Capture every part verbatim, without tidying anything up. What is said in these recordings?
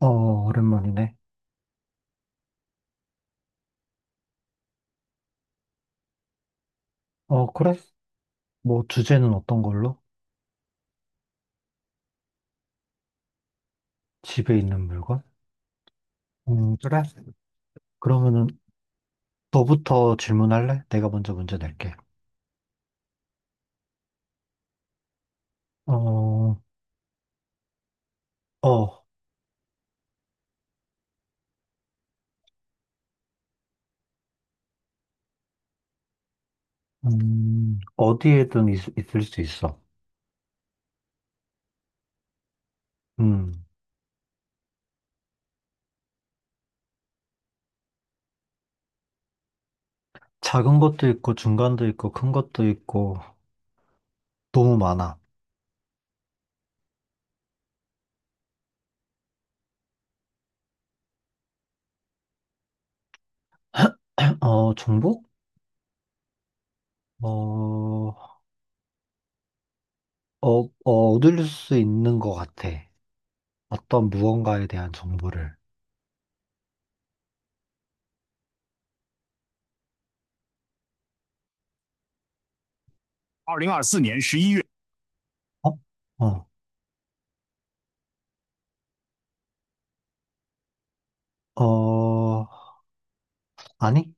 어, 오랜만이네. 어, 그래? 뭐, 주제는 어떤 걸로? 집에 있는 물건? 음, 그래? 그러면은, 너부터 질문할래? 내가 먼저 문제 낼게. 어, 어, 음, 어디에든 있, 을수 있어. 음, 작은 것도 있고, 중간도 있고, 큰 것도 있고, 너무 많아. 어, 정보? 어, 어, 어, 얻을 수 있는 것 같아. 어떤 무언가에 대한 정보를. 二零二四年十一月， 어? 어, 어, 아니?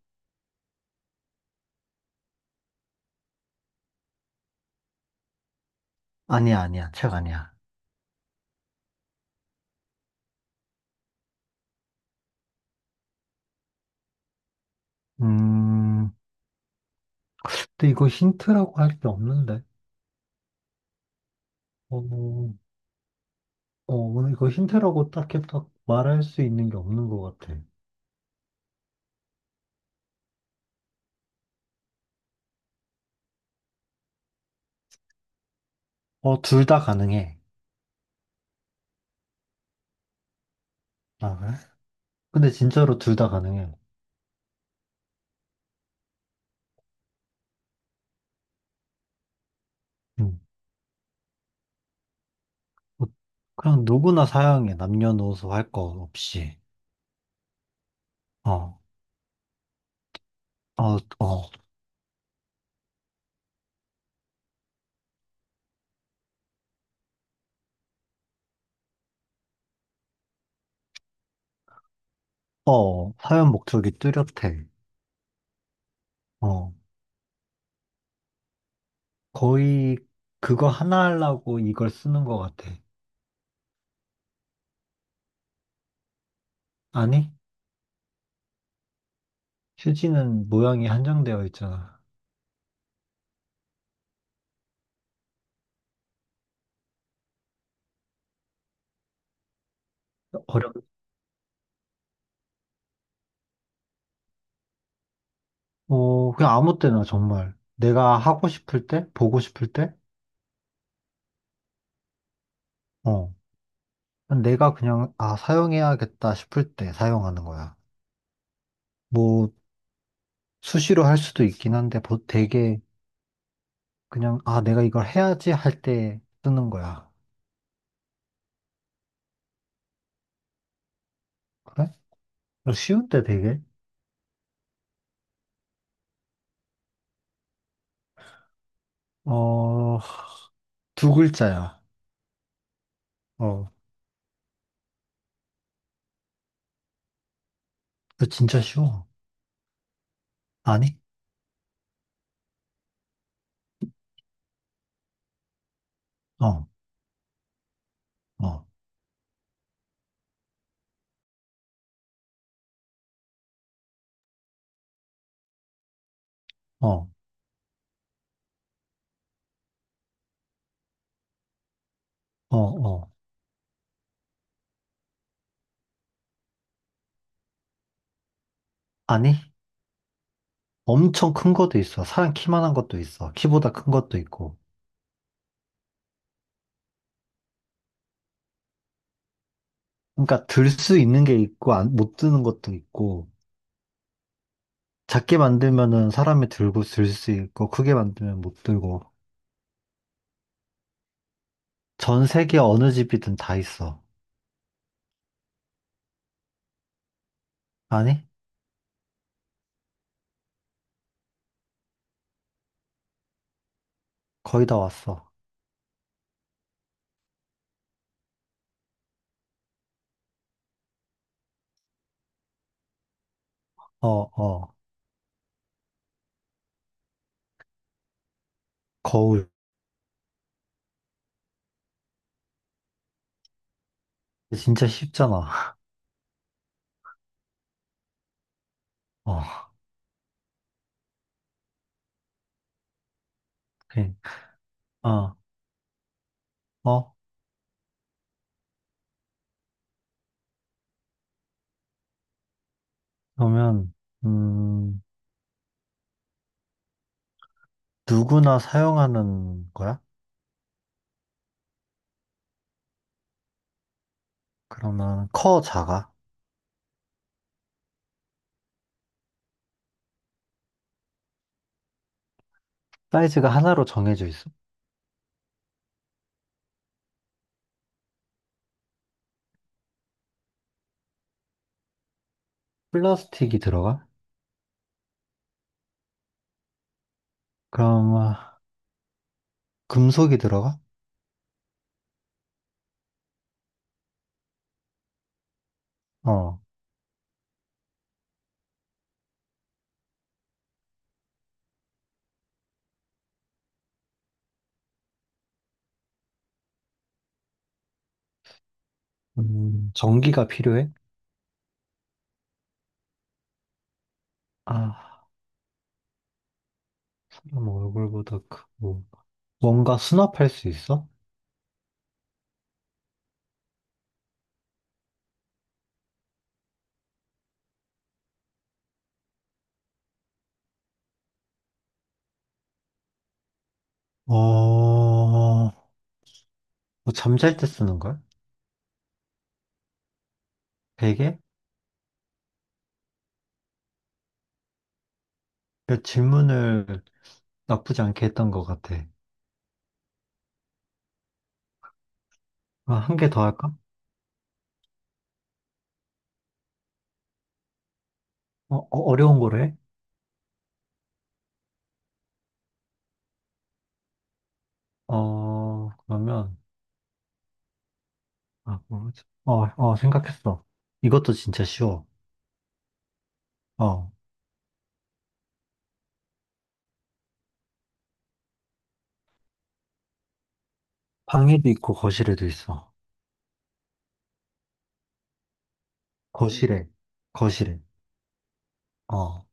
아니야, 아니야. 책 아니야. 음, 근데 이거 힌트라고 할 게 없는데. 어, 어, 오늘 이거 힌트라고 딱히 딱 말할 수 있는 게 없는 것 같아. 어, 둘 다 가능해. 아, 그래? 근데 진짜로 둘 다 가능해. 음. 어, 그냥 누구나 사용해. 남녀노소 할 거 없이. 어, 어, 어, 어, 사용 목적이 뚜렷해. 어, 거의 그거 하나 하려고 이걸 쓰는 것 같아. 아니? 휴지는 모양이 한정되어 있잖아. 어렵, 어, 그냥 아무 때나 정말. 내가 하고 싶을 때, 보고 싶을 때, 어. 내가 그냥, 아, 사용해야겠다 싶을 때 사용하는 거야. 뭐, 수시로 할 수도 있긴 한데, 보- 되게 그냥, 아, 내가 이걸 해야지 할 때 쓰는 거야. 그래? 쉬운데 되게? 어, 두 글자야. 어, 이 진짜 쉬워. 아니? 어, 어, 어, 어, 어. 아니? 엄청 큰 것도 있어. 사람 키만한 것도 있어. 키보다 큰 것도 있고. 그러니까 들 수 있는 게 있고 안, 못 드는 것도 있고 작게 만들면은 사람이 들고 들 수 있고 크게 만들면 못 들고 전 세계 어느 집이든 다 있어. 아니? 거의 다 왔어. 어, 어. 거울. 진짜 쉽잖아. 어. 그, 어, 어. 그러면 음, 누구나 사용하는 거야? 그러면 커 작아? 사이즈가 하나로 정해져 있어? 플라스틱이 들어가? 그럼 아, 금속이 들어가? 어. 음, 전기가 필요해? 아, 사람 얼굴보다 크고. 뭔가 수납할 수 있어? 어, 뭐 잠잘 때 쓰는 걸? 베개? 그 질문을 나쁘지 않게 했던 것 같아. 아, 한 개 더 할까? 어, 어, 어려운 거래? 어, 그러면, 아, 뭐지? 어, 어, 생각했어. 이것도 진짜 쉬워. 어, 방에도 있고 거실에도 있어. 음. 거실에, 거실에. 어,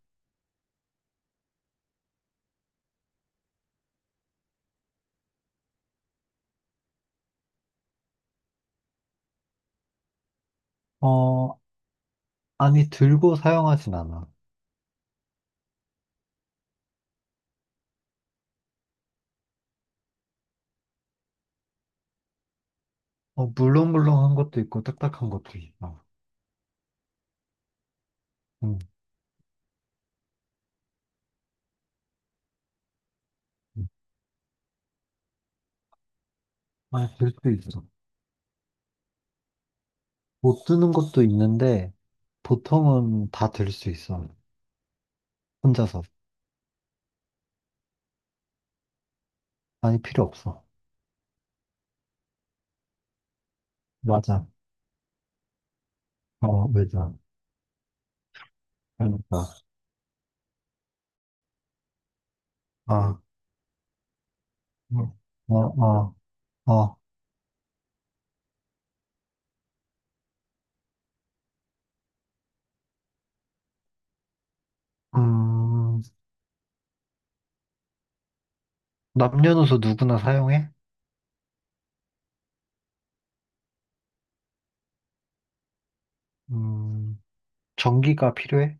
어, 아니, 들고 사용하진 않아. 어, 물렁물렁한 것도 있고 딱딱한 것도 있어. 응. 아, 들 수 있어. 못 드는 것도 있는데 보통은 다 들 수 있어. 혼자서. 많이 필요 없어. 맞아. 어, 맞아. 그러니까. 아, 음. 어, 어, 어. 음, 남녀노소 누구나 사용해? 음, 전기가 필요해?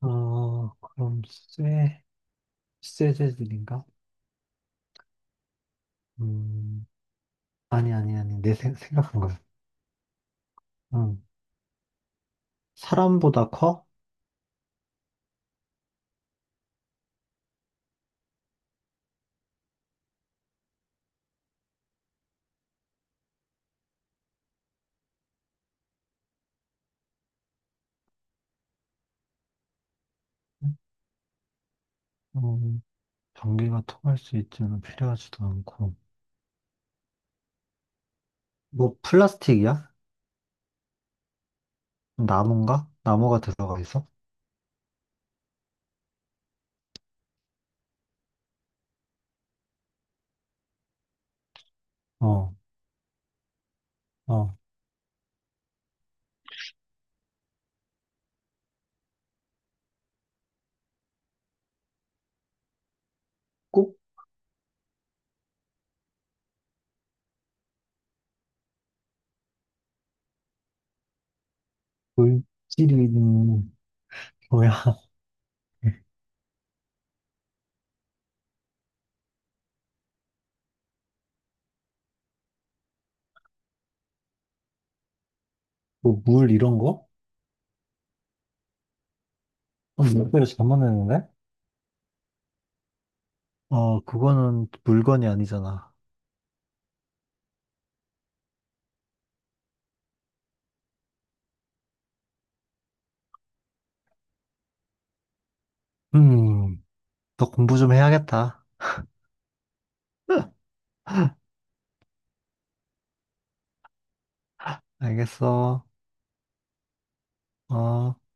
어, 그럼 쇠, 쇠재질인가? 음, 아니, 아니, 아니. 내 생, 각한 거야. 음, 사람보다 커? 음, 전기가 통할 수 있지는 필요하지도 않고. 뭐 플라스틱이야? 나무인가? 나무가 들어가 있어? 어, 어. 꼭 물질이는 뭐야? 뭐 물 이런 거? 어, 물배를 잘못 했는데 어, 그거는 물건이 아니잖아. 음, 너 공부 좀 해야겠다. 알겠어. 어.